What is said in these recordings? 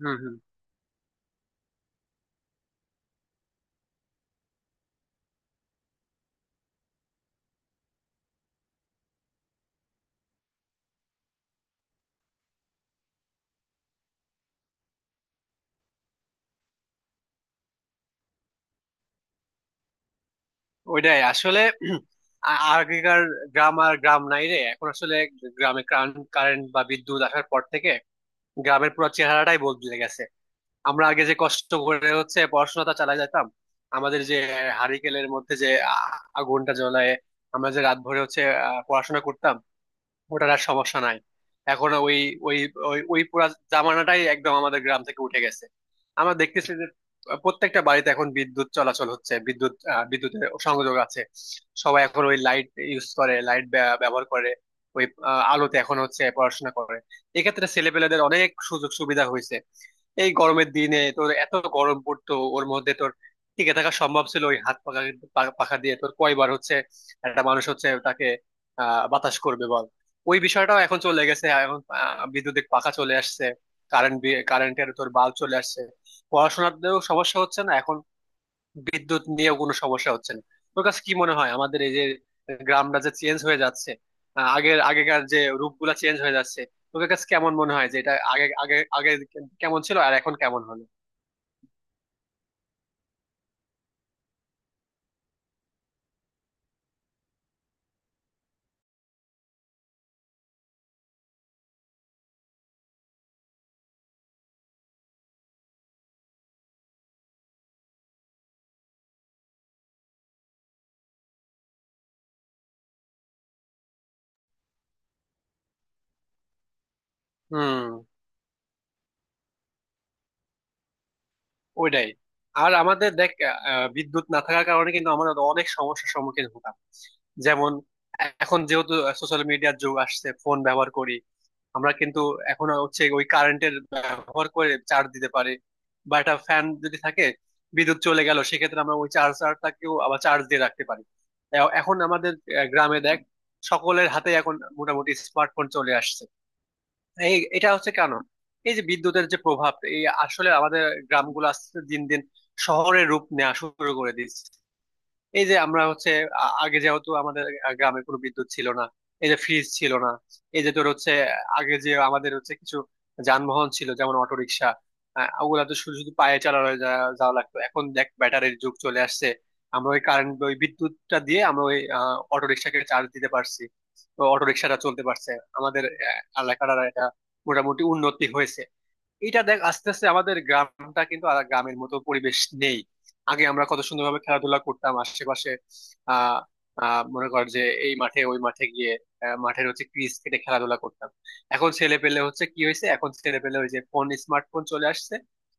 হম হম। ওইটাই আসলে আগেকার গ্রাম আর গ্রাম নাই রে এখন আসলে। গ্রামে কারেন্ট বা বিদ্যুৎ আসার পর থেকে গ্রামের পুরো চেহারাটাই বদলে গেছে। আমরা আগে যে কষ্ট করে হচ্ছে পড়াশোনাটা চালাই যেতাম, আমাদের যে হারিকেলের মধ্যে যে আগুনটা জ্বলায় আমরা যে রাত ভরে হচ্ছে পড়াশোনা করতাম, ওটার আর সমস্যা নাই এখন। ওই ওই ওই ওই পুরা জামানাটাই একদম আমাদের গ্রাম থেকে উঠে গেছে। আমরা দেখতেছি যে প্রত্যেকটা বাড়িতে এখন বিদ্যুৎ চলাচল হচ্ছে, বিদ্যুৎ বিদ্যুতের সংযোগ আছে। সবাই এখন ওই লাইট ইউজ করে, লাইট ব্যবহার করে ওই আলোতে এখন হচ্ছে পড়াশোনা করে। এক্ষেত্রে ছেলেপেলেদের অনেক সুযোগ সুবিধা হয়েছে। এই গরমের দিনে তোর এত গরম পড়তো, ওর মধ্যে তোর টিকে থাকা সম্ভব ছিল ওই হাত পাখা পাখা দিয়ে? তোর কয়বার হচ্ছে একটা মানুষ হচ্ছে তাকে আহ বাতাস করবে, বল। ওই বিষয়টাও এখন চলে গেছে, এখন বিদ্যুতিক পাখা চলে আসছে। কারেন্ট কারেন্টের তোর বাল্ব চলে আসছে, পড়াশোনাতেও সমস্যা হচ্ছে না এখন, বিদ্যুৎ নিয়েও কোনো সমস্যা হচ্ছে না। তোর কাছে কি মনে হয় আমাদের এই যে গ্রামটা যে চেঞ্জ হয়ে যাচ্ছে, আগেকার যে রূপগুলা চেঞ্জ হয়ে যাচ্ছে, তোর কাছে কেমন মনে হয় যে এটা আগে আগে আগে কেমন ছিল আর এখন কেমন হলো? হুম। ওইটাই। আর আমাদের দেখ বিদ্যুৎ না থাকার কারণে কিন্তু আমরা অনেক সমস্যার সম্মুখীন হতাম। যেমন, এখন যেহেতু সোশ্যাল মিডিয়ার যুগ আসছে, ফোন ব্যবহার করি আমরা কিন্তু এখন হচ্ছে ওই কারেন্টের ব্যবহার করে চার্জ দিতে পারি। বা একটা ফ্যান যদি থাকে, বিদ্যুৎ চলে গেল, সেক্ষেত্রে আমরা ওই চার্জারটাকেও আবার চার্জ দিয়ে রাখতে পারি। এখন আমাদের গ্রামে দেখ সকলের হাতে এখন মোটামুটি স্মার্টফোন চলে আসছে। এই এটা হচ্ছে কেন? এই যে বিদ্যুতের যে প্রভাব, এই আসলে আমাদের গ্রামগুলো আস্তে আস্তে দিন দিন শহরের রূপ নেওয়া শুরু করে দিচ্ছে। এই যে আমরা হচ্ছে আগে যেহেতু আমাদের গ্রামে কোনো বিদ্যুৎ ছিল না, এই যে ফ্রিজ ছিল না, এই যে তোর হচ্ছে আগে যে আমাদের হচ্ছে কিছু যানবাহন ছিল যেমন অটো রিক্সা, ওগুলা তো শুধু শুধু পায়ে চালানো যাওয়া লাগতো। এখন দেখ ব্যাটারির যুগ চলে আসছে, আমরা ওই কারেন্ট ওই বিদ্যুৎটা দিয়ে আমরা ওই অটো রিক্সাকে চার্জ দিতে পারছি, তো অটো রিক্সাটা চলতে পারছে। আমাদের এলাকার আর এটা মোটামুটি উন্নতি হয়েছে। এটা দেখ আস্তে আস্তে আমাদের গ্রামটা কিন্তু আর গ্রামের মতো পরিবেশ নেই। আগে আমরা কত সুন্দরভাবে খেলাধুলা করতাম আশেপাশে। আহ আহ মনে কর যে এই মাঠে ওই মাঠে গিয়ে মাঠের হচ্ছে ক্রিজ কেটে খেলাধুলা করতাম। এখন ছেলে পেলে হচ্ছে কি হয়েছে, এখন ছেলে পেলে ওই যে ফোন স্মার্টফোন চলে আসছে,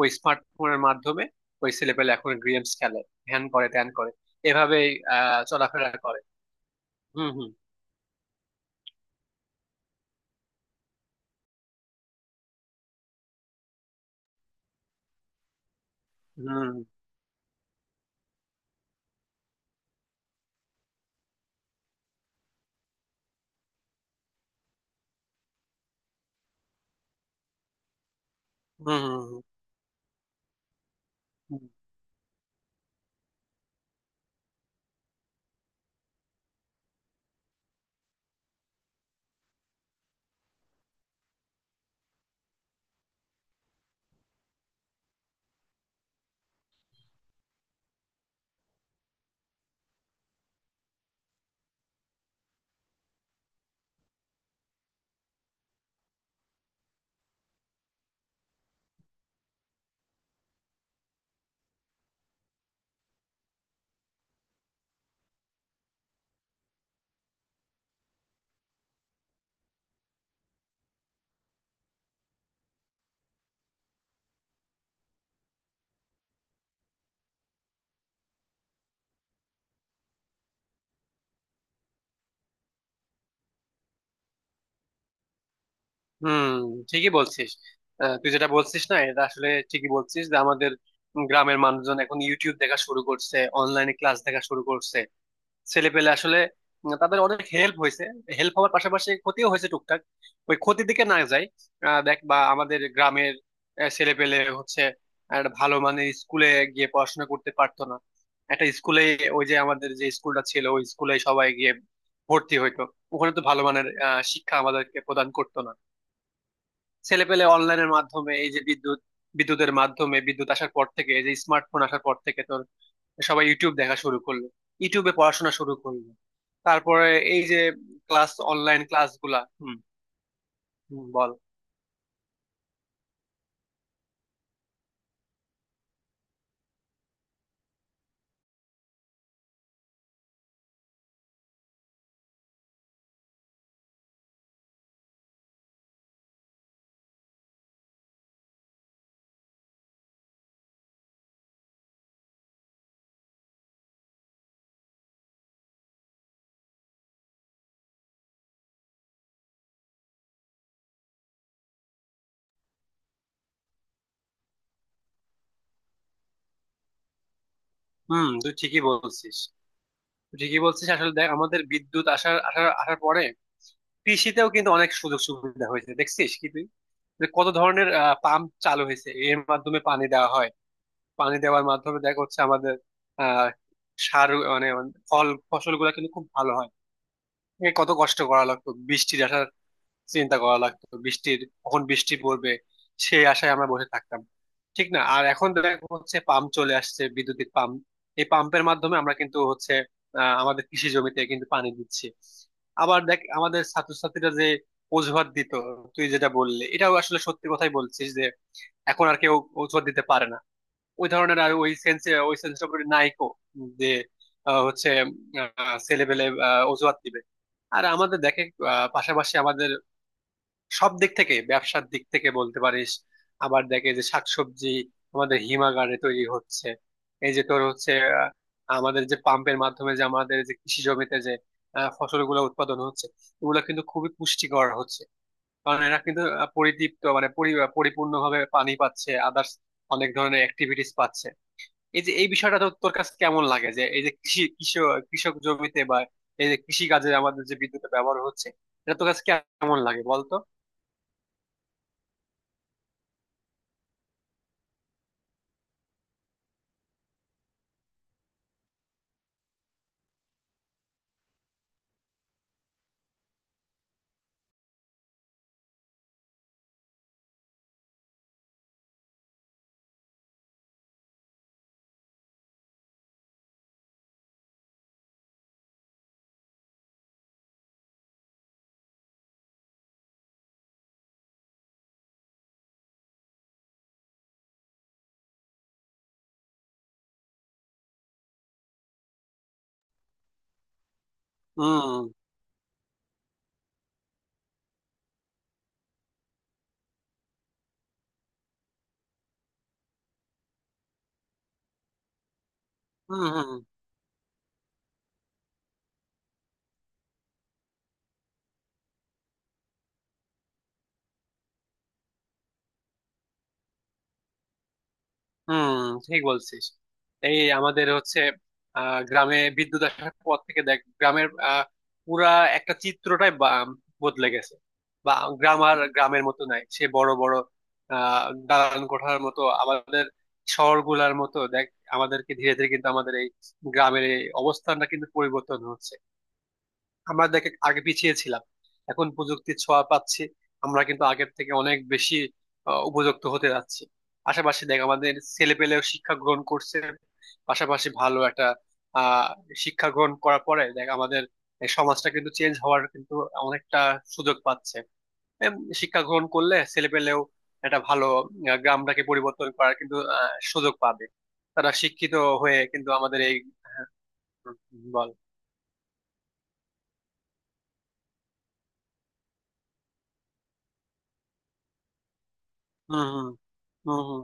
ওই স্মার্টফোনের মাধ্যমে ওই ছেলে পেলে এখন গেমস খেলে, ধ্যান করে ধ্যান করে এভাবেই চলাফেরা করে। হুম হুম হুম হুম। হুম হুম হুম হুম। ঠিকই বলছিস। তুই যেটা বলছিস না, এটা আসলে ঠিকই বলছিস যে আমাদের গ্রামের মানুষজন এখন ইউটিউব দেখা শুরু করছে, অনলাইনে ক্লাস দেখা শুরু করছে। ছেলে পেলে আসলে তাদের অনেক হেল্প হয়েছে। হেল্প হওয়ার পাশাপাশি ক্ষতিও হয়েছে টুকটাক, ওই ক্ষতির দিকে না যায়। দেখ বা আমাদের গ্রামের ছেলে পেলে হচ্ছে একটা ভালো মানের স্কুলে গিয়ে পড়াশোনা করতে পারতো না, একটা স্কুলে, ওই যে আমাদের যে স্কুলটা ছিল ওই স্কুলে সবাই গিয়ে ভর্তি হইতো। ওখানে তো ভালো মানের শিক্ষা আমাদেরকে প্রদান করতো না। ছেলে পেলে অনলাইনের মাধ্যমে, এই যে বিদ্যুৎ বিদ্যুতের মাধ্যমে, বিদ্যুৎ আসার পর থেকে, এই যে স্মার্টফোন আসার পর থেকে তোর সবাই ইউটিউব দেখা শুরু করলো, ইউটিউবে পড়াশোনা শুরু করলো। তারপরে এই যে ক্লাস অনলাইন ক্লাস গুলা। হুম। হুম, বল। হুম, তুই ঠিকই বলছিস। তুই ঠিকই বলছিস আসলে দেখ আমাদের বিদ্যুৎ আসার আসার আসার পরে কৃষিতেও কিন্তু অনেক সুযোগ সুবিধা হয়েছে দেখছিস কি তুই? যে কত ধরনের পাম্প চালু হয়েছে, এর মাধ্যমে পানি দেওয়া হয়। পানি দেওয়ার মাধ্যমে দেখা হচ্ছে আমাদের আহ সার মানে ফল ফসল গুলা কিন্তু খুব ভালো হয়। এ কত কষ্ট করা লাগতো বৃষ্টির আশার, চিন্তা করা লাগতো বৃষ্টির কখন বৃষ্টি পড়বে, সেই আশায় আমরা বসে থাকতাম, ঠিক না? আর এখন দেখা হচ্ছে পাম্প চলে আসছে, বিদ্যুতিক পাম্প। এই পাম্পের মাধ্যমে আমরা কিন্তু হচ্ছে আমাদের কৃষি জমিতে কিন্তু পানি দিচ্ছি। আবার দেখ আমাদের ছাত্রছাত্রীরা যে অজুহাত দিত, তুই যেটা বললি এটাও আসলে সত্যি কথাই বলছিস যে এখন আর কেউ অজুহাত দিতে পারে না ওই ধরনের, আর ওই সেন্সে ওই সেন্সটা করে নাইকো যে হচ্ছে ছেলেবেলে অজুহাত দিবে। আর আমাদের দেখে পাশাপাশি আমাদের সব দিক থেকে, ব্যবসার দিক থেকে বলতে পারিস। আবার দেখে যে শাকসবজি আমাদের হিমাগারে তৈরি হচ্ছে। এই যে তোর হচ্ছে আহ, আমাদের যে পাম্পের মাধ্যমে যে আমাদের যে কৃষি জমিতে যে ফসলগুলো উৎপাদন হচ্ছে, এগুলো কিন্তু খুবই পুষ্টিকর হচ্ছে। কারণ এরা কিন্তু পরিতৃপ্ত মানে পরিপূর্ণভাবে পানি পাচ্ছে, আদার্স অনেক ধরনের অ্যাক্টিভিটিস পাচ্ছে। এই যে এই বিষয়টা তো তোর কাছে কেমন লাগে যে এই যে কৃষি কৃষক কৃষক জমিতে বা এই যে কৃষি কাজে আমাদের যে বিদ্যুতের ব্যবহার হচ্ছে, এটা তোর কাছে কেমন লাগে বলতো? হম হম হম। হুম, ঠিক বলছিস। এই আমাদের হচ্ছে গ্রামে বিদ্যুৎ আসার পর থেকে দেখ গ্রামের পুরা একটা চিত্রটাই বদলে গেছে। বা গ্রাম আর গ্রামের মতো নাই, সে বড় বড় আহ দালান কোঠার মতো আমাদের শহরগুলার মতো দেখ আমাদেরকে ধীরে ধীরে কিন্তু আমাদের এই গ্রামের এই অবস্থানটা কিন্তু পরিবর্তন হচ্ছে। আমরা দেখ আগে পিছিয়ে ছিলাম, এখন প্রযুক্তির ছোঁয়া পাচ্ছি, আমরা কিন্তু আগের থেকে অনেক বেশি উপযুক্ত হতে যাচ্ছি। পাশাপাশি দেখ আমাদের ছেলে পেলেও শিক্ষা গ্রহণ করছে, পাশাপাশি ভালো একটা আহ শিক্ষা গ্রহণ করার পরে দেখ আমাদের এই সমাজটা কিন্তু চেঞ্জ হওয়ার কিন্তু অনেকটা সুযোগ পাচ্ছে। এম, শিক্ষা গ্রহণ করলে ছেলে পেলেও একটা ভালো গ্রামটাকে পরিবর্তন করার কিন্তু সুযোগ পাবে। তারা শিক্ষিত হয়ে কিন্তু আমাদের এই হ্যাঁ, হুম, বল। হুম হুম হুম হুম।